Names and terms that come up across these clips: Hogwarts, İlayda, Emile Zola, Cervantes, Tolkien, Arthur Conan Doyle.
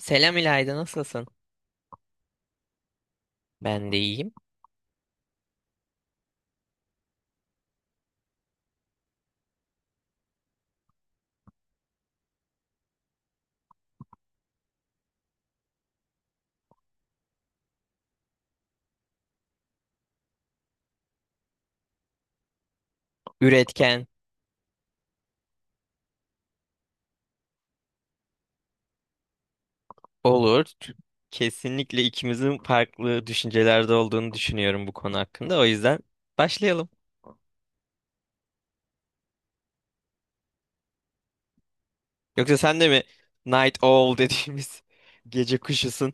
Selam İlayda, nasılsın? Ben de iyiyim. Üretken olur. Kesinlikle ikimizin farklı düşüncelerde olduğunu düşünüyorum bu konu hakkında. O yüzden başlayalım. Yoksa sen de mi Night Owl dediğimiz gece kuşusun?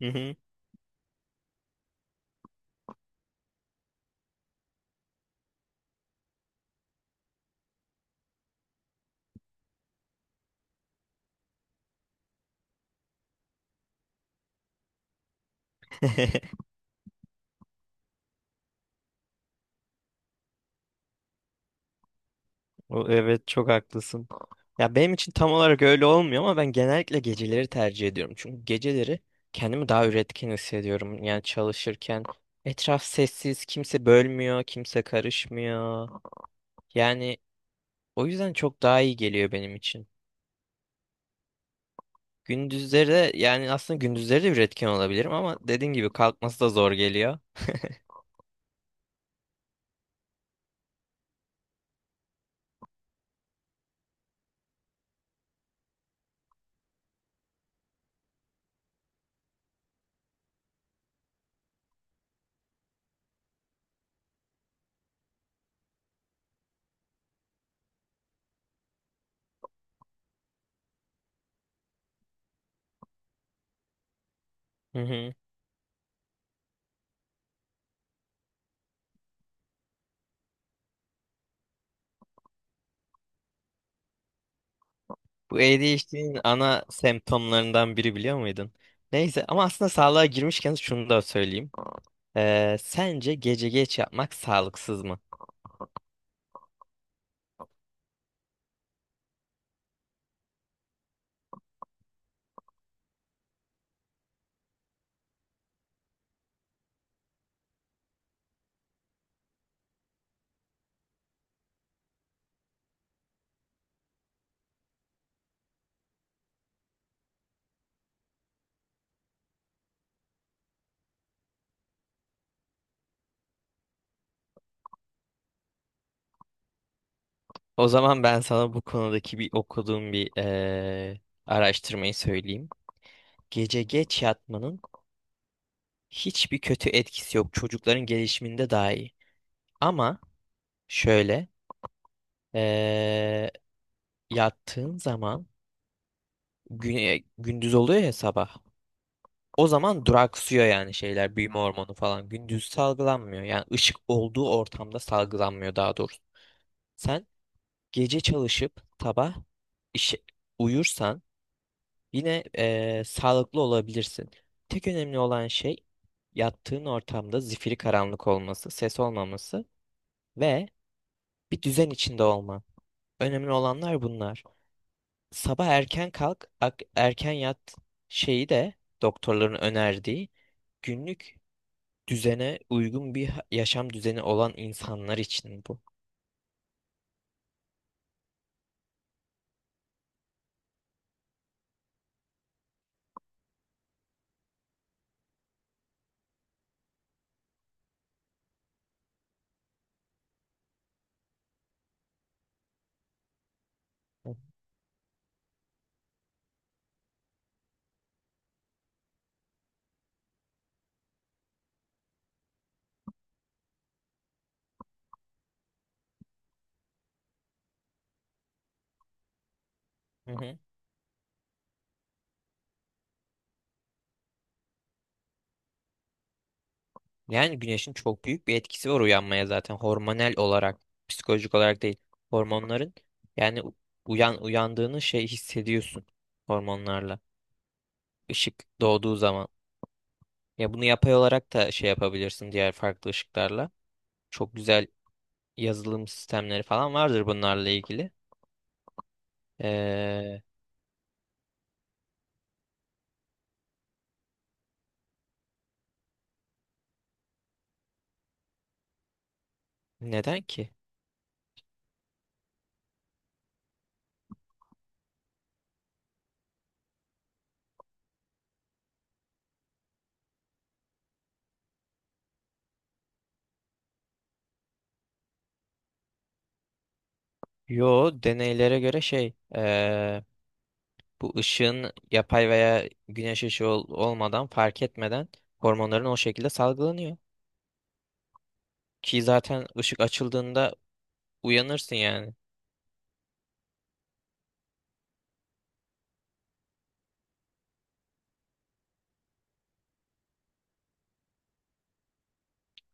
Hı hı. Evet, çok haklısın. Ya benim için tam olarak öyle olmuyor ama ben genellikle geceleri tercih ediyorum. Çünkü geceleri kendimi daha üretken hissediyorum. Yani çalışırken etraf sessiz, kimse bölmüyor, kimse karışmıyor. Yani o yüzden çok daha iyi geliyor benim için. Gündüzleri de yani aslında gündüzleri de üretken olabilirim ama dediğin gibi kalkması da zor geliyor. Hı hı. Bu ADHD'nin ana semptomlarından biri, biliyor muydun? Neyse, ama aslında sağlığa girmişken şunu da söyleyeyim. Sence gece geç yapmak sağlıksız mı? O zaman ben sana bu konudaki bir okuduğum bir araştırmayı söyleyeyim. Gece geç yatmanın hiçbir kötü etkisi yok. Çocukların gelişiminde daha iyi. Ama şöyle, ee, yattığın zaman gündüz oluyor ya sabah. O zaman duraksıyor yani şeyler, büyüme hormonu falan. Gündüz salgılanmıyor. Yani ışık olduğu ortamda salgılanmıyor daha doğrusu. Sen gece çalışıp sabah işe uyursan yine sağlıklı olabilirsin. Tek önemli olan şey, yattığın ortamda zifiri karanlık olması, ses olmaması ve bir düzen içinde olman. Önemli olanlar bunlar. Sabah erken kalk, erken yat şeyi de doktorların önerdiği günlük düzene uygun bir yaşam düzeni olan insanlar için bu. Hı hı. Hı. Yani güneşin çok büyük bir etkisi var uyanmaya, zaten hormonal olarak, psikolojik olarak değil. Hormonların, yani uyandığını şey hissediyorsun, hormonlarla. Işık doğduğu zaman. Ya bunu yapay olarak da şey yapabilirsin diğer farklı ışıklarla. Çok güzel yazılım sistemleri falan vardır bunlarla ilgili. Ee, Neden ki? Yo, deneylere göre şey, bu ışığın yapay veya güneş ışığı olmadan fark etmeden hormonların o şekilde salgılanıyor. Ki zaten ışık açıldığında uyanırsın yani.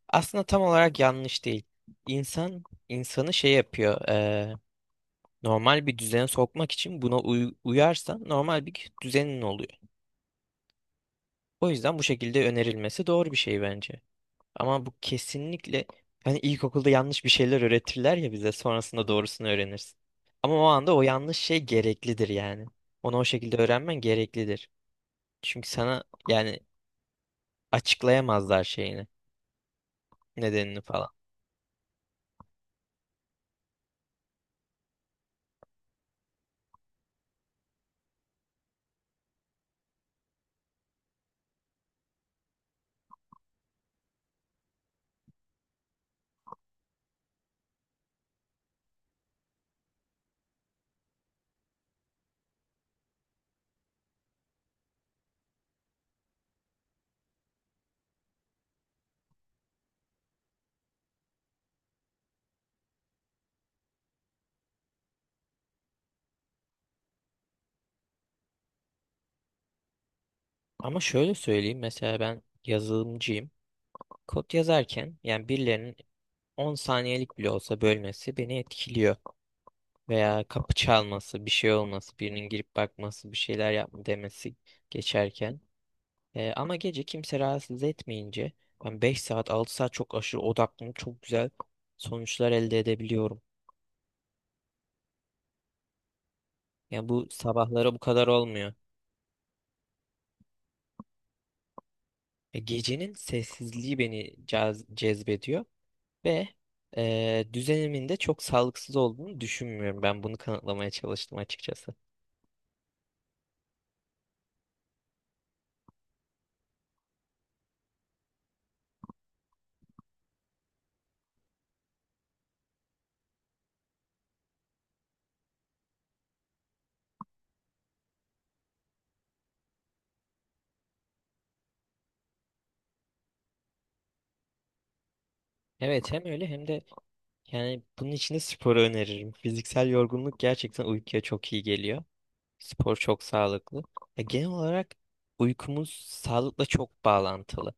Aslında tam olarak yanlış değil. İnsan insanı şey yapıyor. Normal bir düzene sokmak için buna uyarsan normal bir düzenin oluyor. O yüzden bu şekilde önerilmesi doğru bir şey bence. Ama bu kesinlikle, hani ilkokulda yanlış bir şeyler öğretirler ya bize, sonrasında doğrusunu öğrenirsin. Ama o anda o yanlış şey gereklidir yani. Onu o şekilde öğrenmen gereklidir. Çünkü sana yani açıklayamazlar şeyini, nedenini falan. Ama şöyle söyleyeyim, mesela ben yazılımcıyım. Kod yazarken yani birilerinin 10 saniyelik bile olsa bölmesi beni etkiliyor. Veya kapı çalması, bir şey olması, birinin girip bakması, bir şeyler yapma demesi geçerken. Ama gece kimse rahatsız etmeyince ben 5 saat 6 saat çok aşırı odaklanıp çok güzel sonuçlar elde edebiliyorum. Yani bu sabahlara bu kadar olmuyor. Gecenin sessizliği beni cezbediyor ve düzenimin de çok sağlıksız olduğunu düşünmüyorum. Ben bunu kanıtlamaya çalıştım açıkçası. Evet, hem öyle hem de yani bunun için de sporu öneririm. Fiziksel yorgunluk gerçekten uykuya çok iyi geliyor. Spor çok sağlıklı. Ya genel olarak uykumuz sağlıkla çok bağlantılı.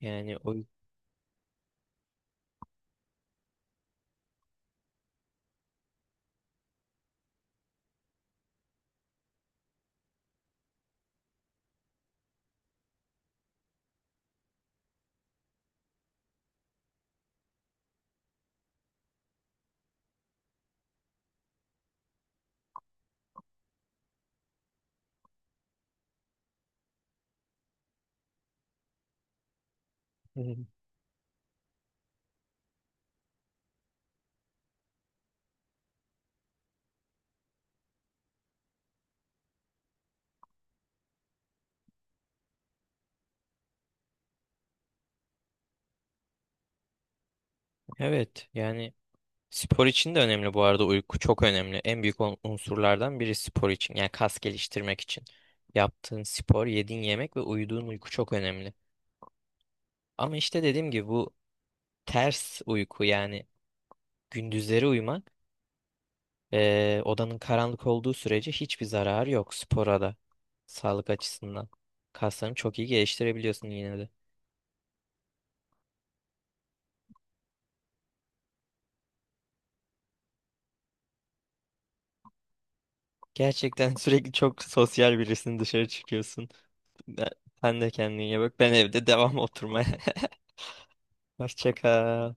Yani o evet yani spor için de önemli bu arada, uyku çok önemli. En büyük unsurlardan biri spor için, yani kas geliştirmek için. Yaptığın spor, yediğin yemek ve uyuduğun uyku çok önemli. Ama işte dediğim gibi bu ters uyku, yani gündüzleri uyumak, odanın karanlık olduğu sürece hiçbir zararı yok, spora da sağlık açısından. Kaslarını çok iyi geliştirebiliyorsun yine de. Gerçekten sürekli çok sosyal birisin, dışarı çıkıyorsun. Ben, sen de kendine iyi bak. Ben evde devam oturmaya. Hoşça kal.